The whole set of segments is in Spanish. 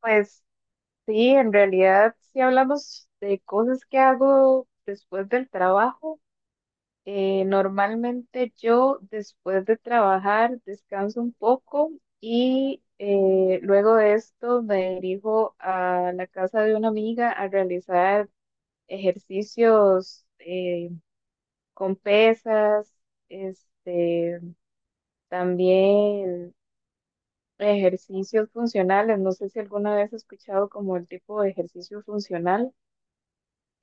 Pues sí, en realidad, si hablamos de cosas que hago después del trabajo, normalmente yo después de trabajar descanso un poco y luego de esto me dirijo a la casa de una amiga a realizar ejercicios con pesas, este, también ejercicios funcionales. No sé si alguna vez has escuchado como el tipo de ejercicio funcional.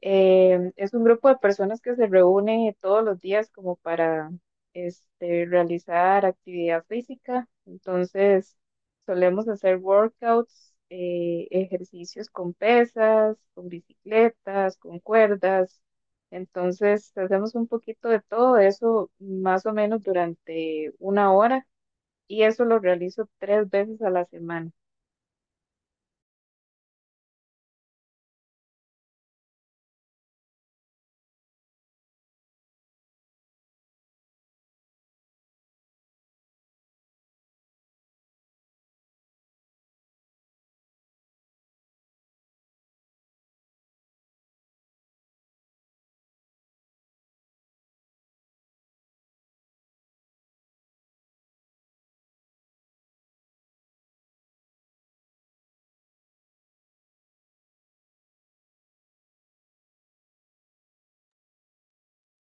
Es un grupo de personas que se reúne todos los días como para realizar actividad física. Entonces, solemos hacer workouts, ejercicios con pesas, con bicicletas, con cuerdas. Entonces, hacemos un poquito de todo eso más o menos durante una hora y eso lo realizo tres veces a la semana.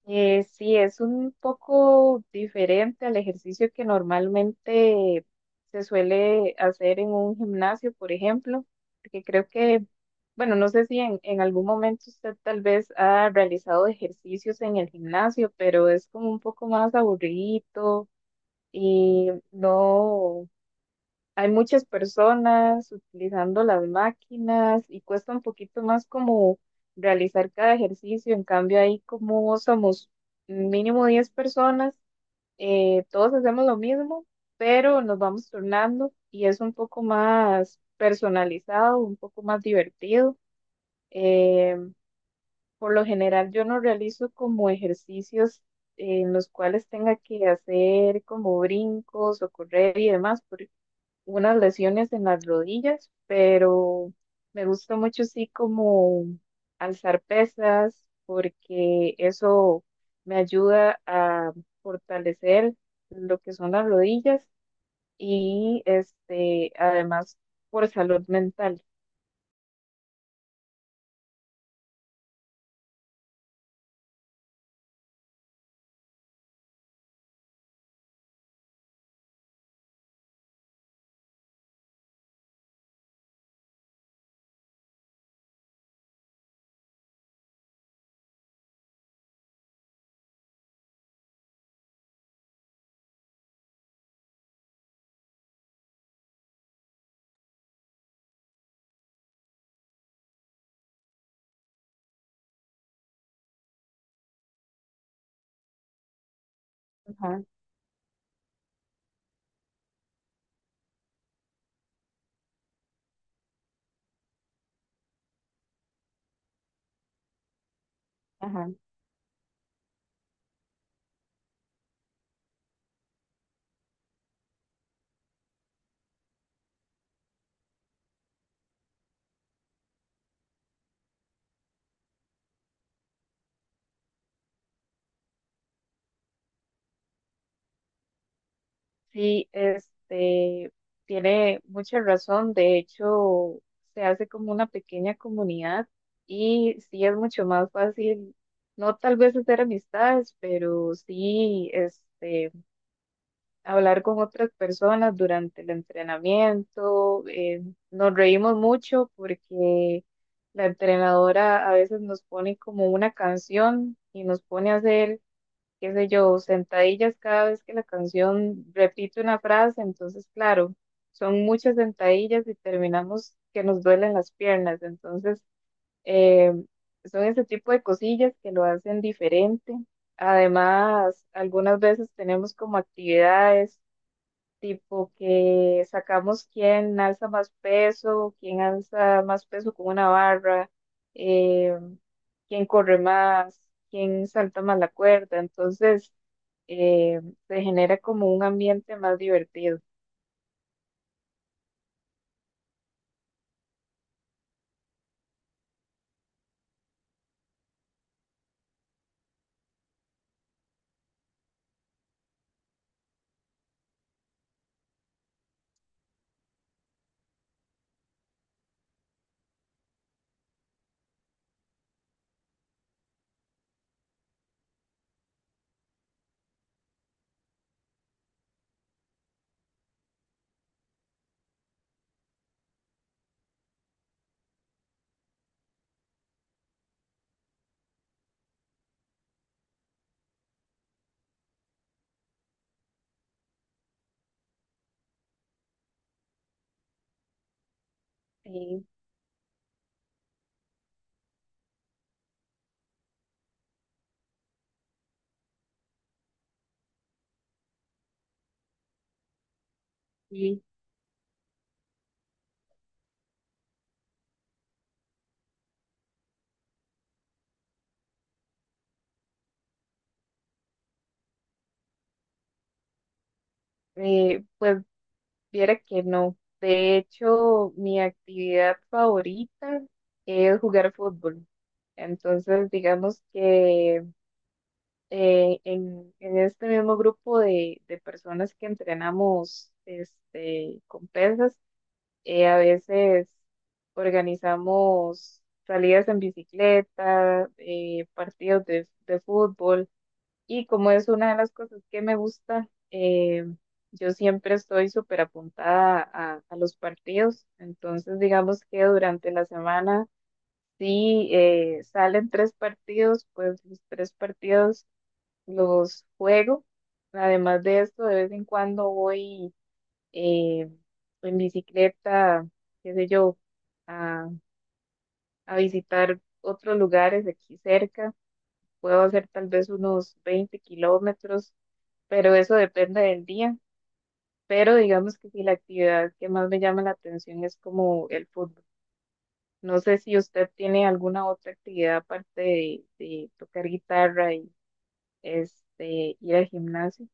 Sí, es un poco diferente al ejercicio que normalmente se suele hacer en un gimnasio, por ejemplo, porque creo que, bueno, no sé si en algún momento usted tal vez ha realizado ejercicios en el gimnasio, pero es como un poco más aburrido y no. Hay muchas personas utilizando las máquinas y cuesta un poquito más como realizar cada ejercicio. En cambio, ahí como somos mínimo 10 personas, todos hacemos lo mismo, pero nos vamos turnando y es un poco más personalizado, un poco más divertido. Eh, por lo general, yo no realizo como ejercicios en los cuales tenga que hacer como brincos o correr y demás, unas lesiones en las rodillas, pero me gusta mucho sí como alzar pesas porque eso me ayuda a fortalecer lo que son las rodillas y además por salud mental. Ajá, ajá. Sí, tiene mucha razón. De hecho, se hace como una pequeña comunidad y sí es mucho más fácil, no tal vez hacer amistades, pero sí, hablar con otras personas durante el entrenamiento. Nos reímos mucho porque la entrenadora a veces nos pone como una canción y nos pone a hacer qué sé yo, sentadillas cada vez que la canción repite una frase, entonces claro, son muchas sentadillas y terminamos que nos duelen las piernas, entonces eh, son ese tipo de cosillas que lo hacen diferente. Además, algunas veces tenemos como actividades tipo que sacamos quién alza más peso, quién alza más peso con una barra, eh, quién corre más, quién salta más la cuerda, entonces eh, se genera como un ambiente más divertido. Sí, sí. Pues viera que no. De hecho, mi actividad favorita es jugar fútbol. Entonces, digamos que en este mismo grupo de personas que entrenamos con pesas, a veces organizamos salidas en bicicleta, partidos de fútbol y como es una de las cosas que me gusta, yo siempre estoy súper apuntada a los partidos, entonces digamos que durante la semana, Si salen tres partidos, pues los tres partidos los juego. Además de esto, de vez en cuando voy eh, en bicicleta, qué sé yo, a, a visitar otros lugares aquí cerca. Puedo hacer tal vez unos 20 kilómetros, pero eso depende del día. Pero digamos que si la actividad que más me llama la atención es como el fútbol. No sé si usted tiene alguna otra actividad aparte de tocar guitarra y ir al gimnasio.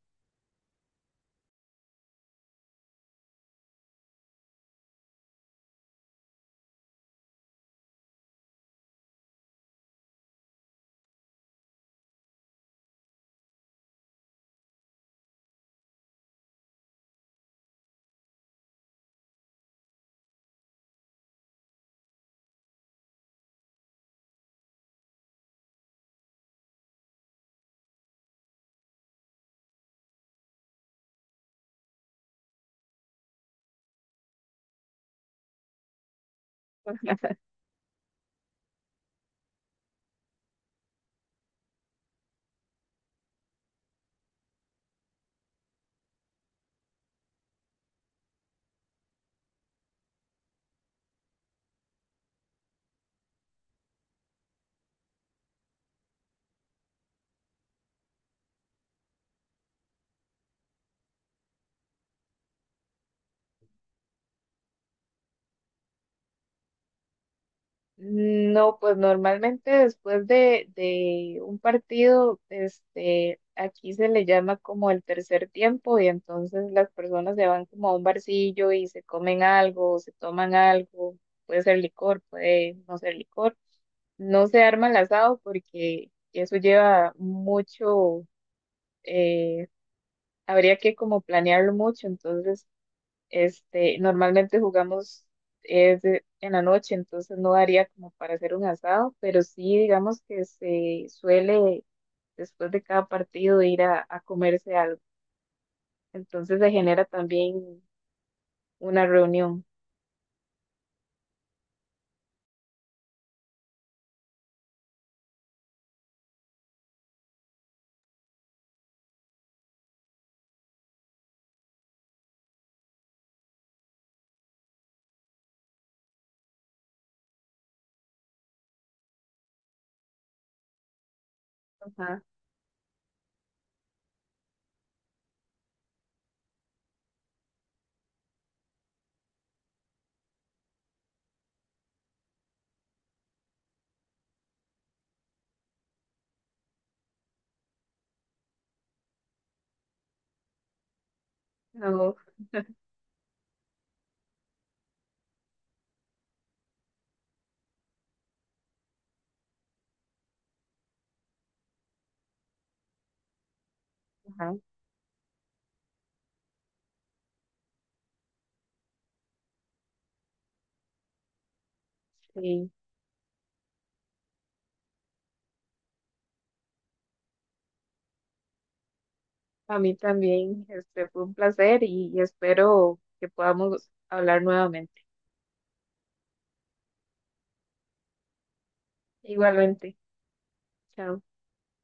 No, pues normalmente después de un partido, aquí se le llama como el tercer tiempo y entonces las personas se van como a un barcillo y se comen algo, se toman algo, puede ser licor, puede no ser licor. No se arma el asado porque eso lleva mucho, eh, habría que como planearlo mucho, entonces normalmente jugamos es en la noche, entonces no daría como para hacer un asado, pero sí digamos que se suele después de cada partido ir a comerse algo. Entonces se genera también una reunión. Ajá, no, ajá, sí. A mí también, fue un placer y espero que podamos hablar nuevamente. Igualmente, chao.